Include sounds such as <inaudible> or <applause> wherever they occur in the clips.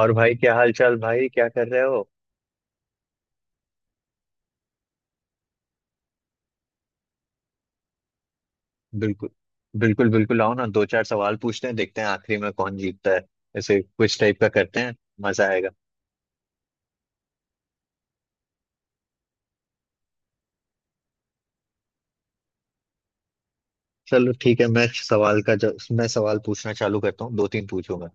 और भाई क्या हाल चाल? भाई क्या कर रहे हो? बिल्कुल बिल्कुल बिल्कुल आओ ना, दो चार सवाल पूछते हैं, देखते हैं आखिरी में कौन जीतता है। ऐसे कुछ टाइप का करते हैं। मजा आएगा। चलो ठीक है। मैं सवाल पूछना चालू करता हूँ, दो तीन पूछूंगा।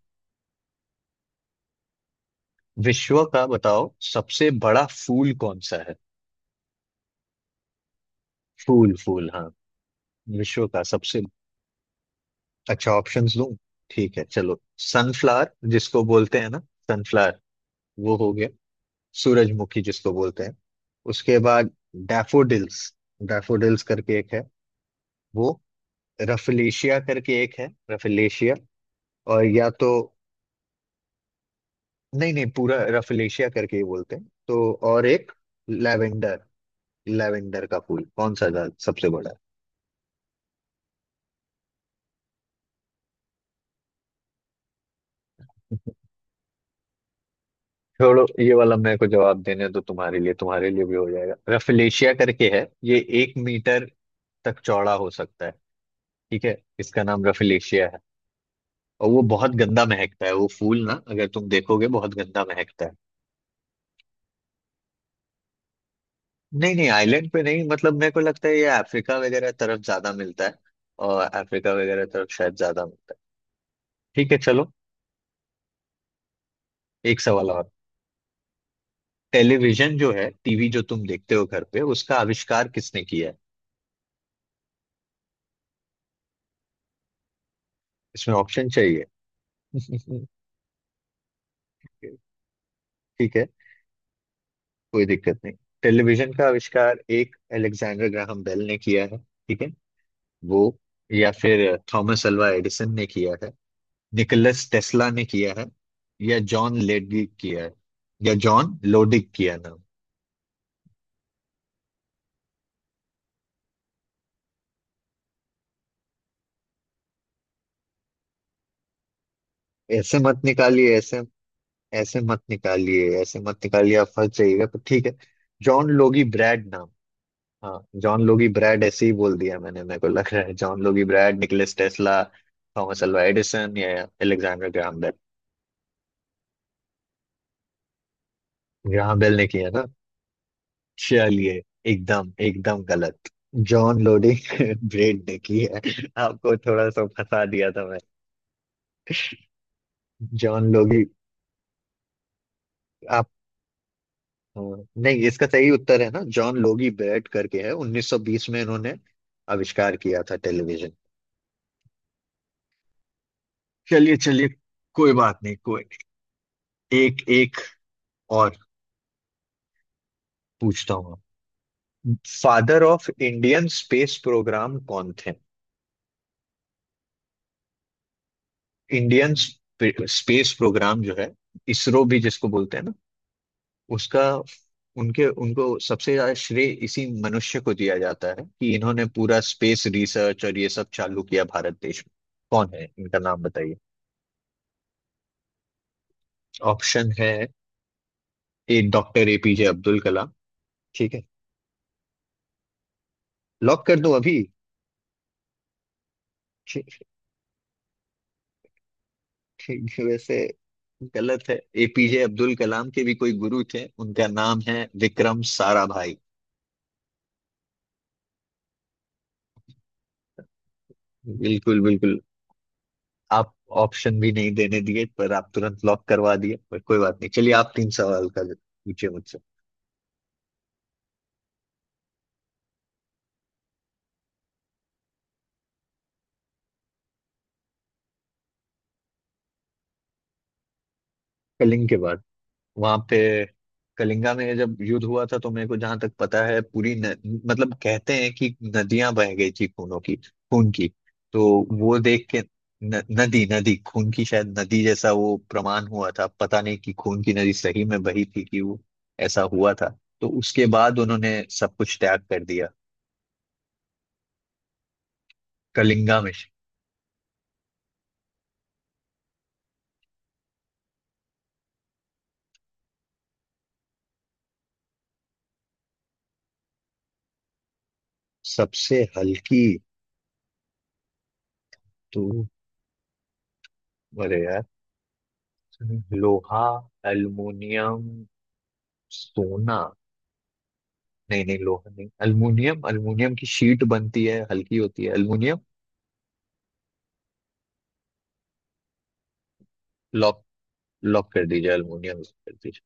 विश्व का बताओ सबसे बड़ा फूल कौन सा है? फूल फूल, हाँ। विश्व का सबसे। अच्छा, ऑप्शंस दूं? ठीक है चलो। सनफ्लावर जिसको बोलते हैं ना, सनफ्लावर, वो हो गया सूरजमुखी जिसको बोलते हैं। उसके बाद डैफोडिल्स, डैफोडिल्स करके एक है वो। रफलेशिया करके एक है, रफलेशिया। और या तो। नहीं नहीं, पूरा रफलेशिया करके ही बोलते हैं। तो और एक लैवेंडर, लैवेंडर का फूल। कौन सा ज्यादा- सबसे बड़ा है? <laughs> छोड़ो ये वाला, मेरे को जवाब देने दो। तुम्हारे लिए, तुम्हारे लिए भी हो जाएगा। रफलेशिया करके है ये, 1 मीटर तक चौड़ा हो सकता है। ठीक है, इसका नाम रफलेशिया है। और वो बहुत गंदा महकता है वो फूल ना, अगर तुम देखोगे बहुत गंदा महकता है। नहीं नहीं आइलैंड पे नहीं, मतलब मेरे को लगता है ये अफ्रीका वगैरह तरफ ज्यादा मिलता है। और अफ्रीका वगैरह तरफ शायद ज्यादा मिलता है। ठीक है चलो। एक सवाल और। टेलीविजन जो है, टीवी जो तुम देखते हो घर पे, उसका आविष्कार किसने किया है? इसमें ऑप्शन चाहिए? <laughs> ठीक है, कोई दिक्कत नहीं। टेलीविजन का आविष्कार एक अलेक्जेंडर ग्राहम बेल ने किया है ठीक है वो। या फिर थॉमस अल्वा एडिसन ने किया है। निकोलस टेस्ला ने किया है। या जॉन लेडी किया है। या जॉन लोडिक किया नाम। ऐसे मत निकालिए ऐसे। ऐसे मत निकालिए, ऐसे मत निकालिए, आप फंस जाइएगा तो ठीक है। जॉन लोगी ब्रैड नाम। हाँ जॉन लोगी ब्रैड ऐसे ही बोल दिया मैंने, मेरे को लग रहा है John Logie Baird, Nicholas Tesla, Thomas Alva Edison या Alexander Graham Bell. Graham Bell ने किया ना? चलिए एकदम एकदम गलत। जॉन लोडिक <laughs> ब्रेड ने की है। आपको थोड़ा सा फंसा दिया था। John Logie. आप। हाँ, नहीं, इसका सही उत्तर है ना जॉन लोगी बेट करके, है 1920 में इन्होंने आविष्कार किया था टेलीविजन। चलिए चलिए, कोई बात नहीं। कोई नहीं। एक एक और पूछता हूँ। Father of Indian space program कौन थे? इंडियन स्पेस प्रोग्राम जो है, इसरो भी जिसको बोलते हैं ना उसका। उनके उनको सबसे ज्यादा श्रेय इसी मनुष्य को दिया जाता है कि इन्होंने पूरा स्पेस रिसर्च और ये सब चालू किया भारत देश में। कौन है? इनका नाम बताइए। ऑप्शन है, A doctor APJ Abdul Kalam. ठीक है, लॉक कर दो अभी? ठीक। ठीक है, वैसे गलत है। एपीजे अब्दुल कलाम के भी कोई गुरु थे, उनका नाम है विक्रम साराभाई। बिल्कुल बिल्कुल। आप ऑप्शन भी नहीं देने दिए, पर आप तुरंत लॉक करवा दिए, पर कोई बात नहीं। चलिए आप तीन सवाल का पूछिए मुझसे। कलिंग के बाद। वहां पे कलिंगा में जब युद्ध हुआ था, तो मेरे को जहां तक पता है पूरी न, मतलब कहते हैं कि नदियां बह गई थी खूनों की, खून की। तो वो देख के न, नदी नदी खून की, शायद नदी जैसा वो प्रमाण हुआ था, पता नहीं कि खून की नदी सही में बही थी कि वो ऐसा हुआ था। तो उसके बाद उन्होंने सब कुछ त्याग कर दिया कलिंगा में। सबसे हल्की तो? अरे यार, लोहा, एल्युमिनियम, सोना। नहीं नहीं लोहा नहीं, अल्मीनियम, अल्मीनियम की शीट बनती है, हल्की होती है अल्मीनियम। लॉक, लॉक कर दीजिए अल्मीनियम लॉक कर दीजिए।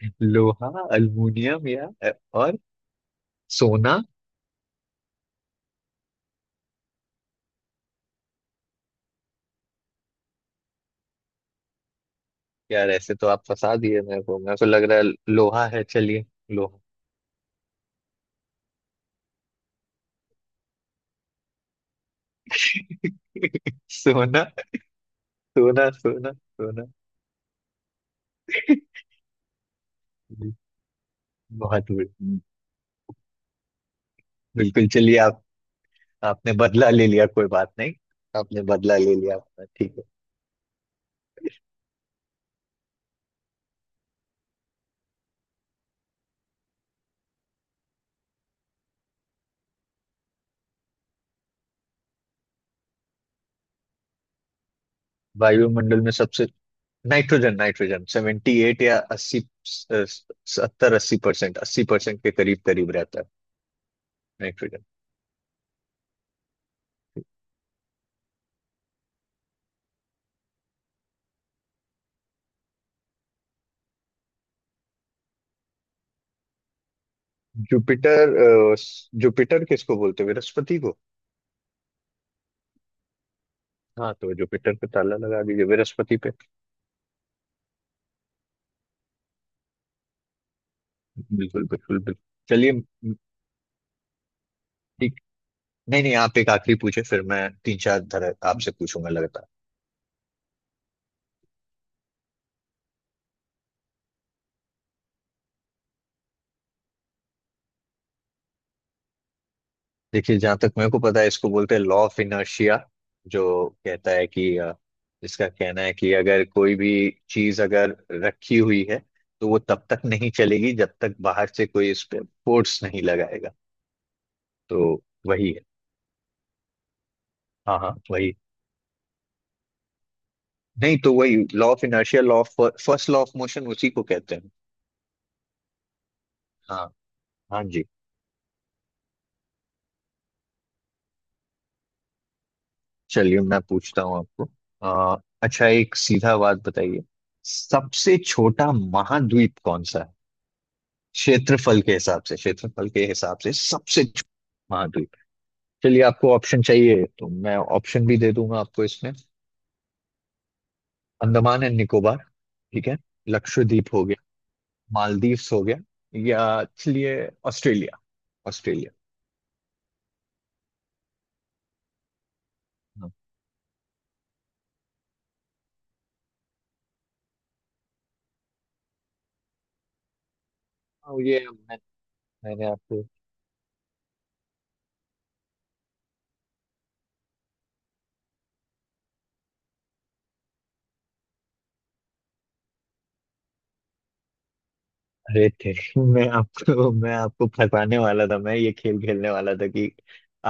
<laughs> लोहा, अल्मीनियम या और सोना। यार ऐसे तो आप फंसा दिए मेरे को। मेरे को लग रहा है लोहा है चलिए। लोहा। <laughs> सोना सोना सोना। सोना। <laughs> बहुत बढ़िया। बिल्कुल चलिए। आप, आपने बदला ले लिया कोई बात नहीं, आपने बदला ले लिया अपना ठीक है। वायुमंडल में सबसे। नाइट्रोजन। नाइट्रोजन 70 या 80। 70 80%, 80% के करीब करीब रहता है नाइट्रोजन। जुपिटर। जुपिटर किसको बोलते हैं, बृहस्पति को। हाँ तो जुपिटर पे ताला लगा दीजिए, बृहस्पति पे। बिल्कुल बिल्कुल बिल्कुल चलिए ठीक। नहीं नहीं, आप एक आखिरी पूछे फिर मैं तीन चार धर आपसे पूछूंगा लगातार। देखिए जहां तक मेरे को पता है इसको बोलते हैं लॉ ऑफ इनर्शिया, जो कहता है कि इसका कहना है कि अगर कोई भी चीज अगर रखी हुई है, तो वो तब तक नहीं चलेगी जब तक बाहर से कोई इस पे फोर्स नहीं लगाएगा। तो वही है। हाँ हाँ वही। नहीं तो वही law of inertia, law of first law of motion उसी को कहते हैं। हाँ। हाँ जी। चलिए मैं पूछता हूँ आपको। अच्छा एक सीधा बात बताइए, सबसे छोटा महाद्वीप कौन सा है? क्षेत्रफल के हिसाब से, क्षेत्रफल के हिसाब से सबसे छोटा महाद्वीप। चलिए आपको ऑप्शन चाहिए तो मैं ऑप्शन भी दे दूंगा आपको इसमें। अंडमान एंड निकोबार ठीक है, लक्षद्वीप हो गया, मालदीव्स हो गया, या चलिए ऑस्ट्रेलिया, ऑस्ट्रेलिया। हाँ। हाँ, मैंने आपको। अरे थे, मैं आपको फंसाने वाला था, मैं ये खेल खेलने वाला था कि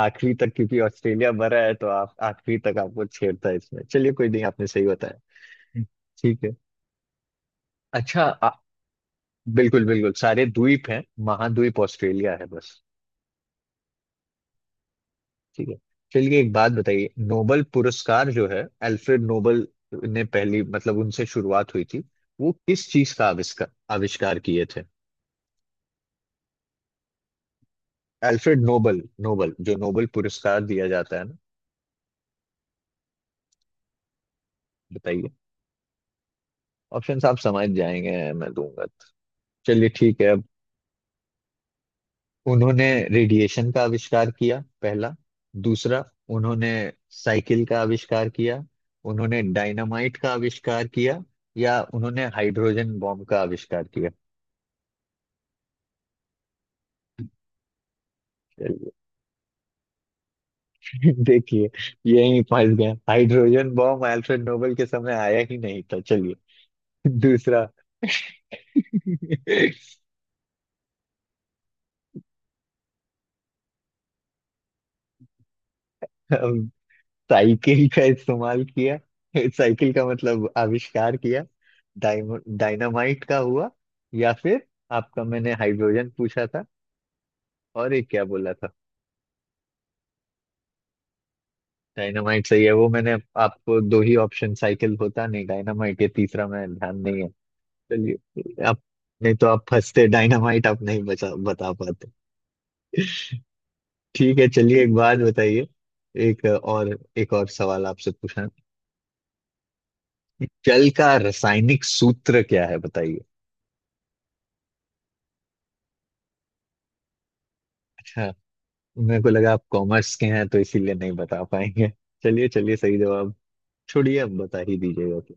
आखिरी तक, क्योंकि ऑस्ट्रेलिया भरा है तो आप आखिरी तक, आपको छेड़ता है इसमें। चलिए कोई नहीं, आपने सही बताया। ठीक है। अच्छा, बिल्कुल बिल्कुल, सारे द्वीप हैं, महाद्वीप ऑस्ट्रेलिया है बस। ठीक है चलिए एक बात बताइए, नोबल पुरस्कार जो है, अल्फ्रेड नोबल ने पहली, मतलब उनसे शुरुआत हुई थी। वो किस चीज का आविष्कार आविष्कार किए थे? अल्फ्रेड नोबल, नोबल जो नोबल पुरस्कार दिया जाता है ना। बताइए। ऑप्शन आप समझ जाएंगे। मैं दूंगा, चलिए ठीक है। उन्होंने रेडिएशन का आविष्कार किया, पहला। दूसरा, उन्होंने साइकिल का आविष्कार किया। उन्होंने डायनामाइट का आविष्कार किया। या उन्होंने हाइड्रोजन बॉम्ब का आविष्कार किया। चलिए। <laughs> देखिए, यही फंस गया। हाइड्रोजन बॉम्ब अल्फ्रेड नोबेल के समय आया ही नहीं था। चलिए दूसरा। <laughs> हम, साइकिल का इस्तेमाल किया, साइकिल का मतलब आविष्कार किया। डायनामाइट का हुआ। या फिर आपका, मैंने हाइड्रोजन पूछा था, और एक क्या बोला था? डायनामाइट सही है वो, मैंने आपको दो ही ऑप्शन, साइकिल होता नहीं, डायनामाइट, ये तीसरा मैं ध्यान नहीं है। चलिए आप। नहीं तो आप फंसते, डायनामाइट आप नहीं बचा बता पाते। ठीक है चलिए एक बात बताइए, एक और सवाल आपसे पूछना है। जल का रासायनिक सूत्र क्या है बताइए? अच्छा, मेरे को लगा आप कॉमर्स के हैं तो इसीलिए नहीं बता पाएंगे। चलिए चलिए सही जवाब, छोड़िए, अब बता ही दीजिएगा कि।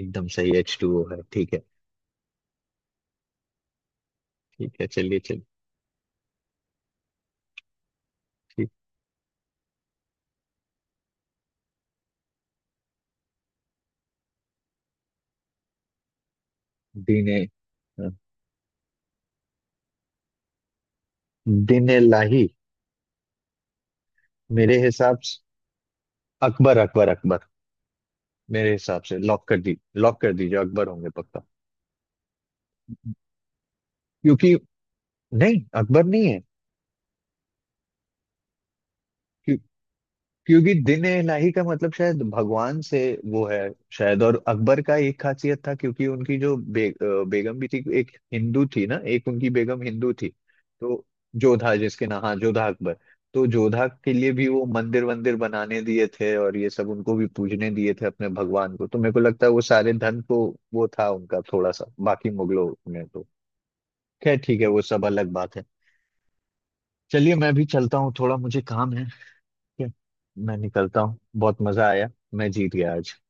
एकदम सही, एच टू ओ है ठीक है। ठीक है चलिए चलिए। दीने, दीने लाही। मेरे हिसाब से अकबर, अकबर अकबर। मेरे हिसाब से लॉक कर दी, लॉक कर दीजिए, अकबर होंगे पक्का। क्योंकि। नहीं अकबर नहीं है क्यों- क्योंकि दिन ए इलाही का मतलब शायद भगवान से वो है शायद। और अकबर का एक खासियत था, क्योंकि उनकी जो बेगम भी थी, एक हिंदू थी ना, एक उनकी बेगम हिंदू थी। तो जोधा जिसके नाम, हाँ जोधा अकबर। तो जोधा के लिए भी वो मंदिर वंदिर बनाने दिए थे, और ये सब उनको भी पूजने दिए थे अपने भगवान को, तो मेरे को लगता है वो सारे धन को वो था उनका थोड़ा सा, बाकी मुगलों में तो। खैर ठीक है, वो सब अलग बात है। चलिए मैं भी चलता हूँ, थोड़ा मुझे काम है। ठीक है, मैं निकलता हूँ, बहुत मजा आया। मैं जीत गया आज।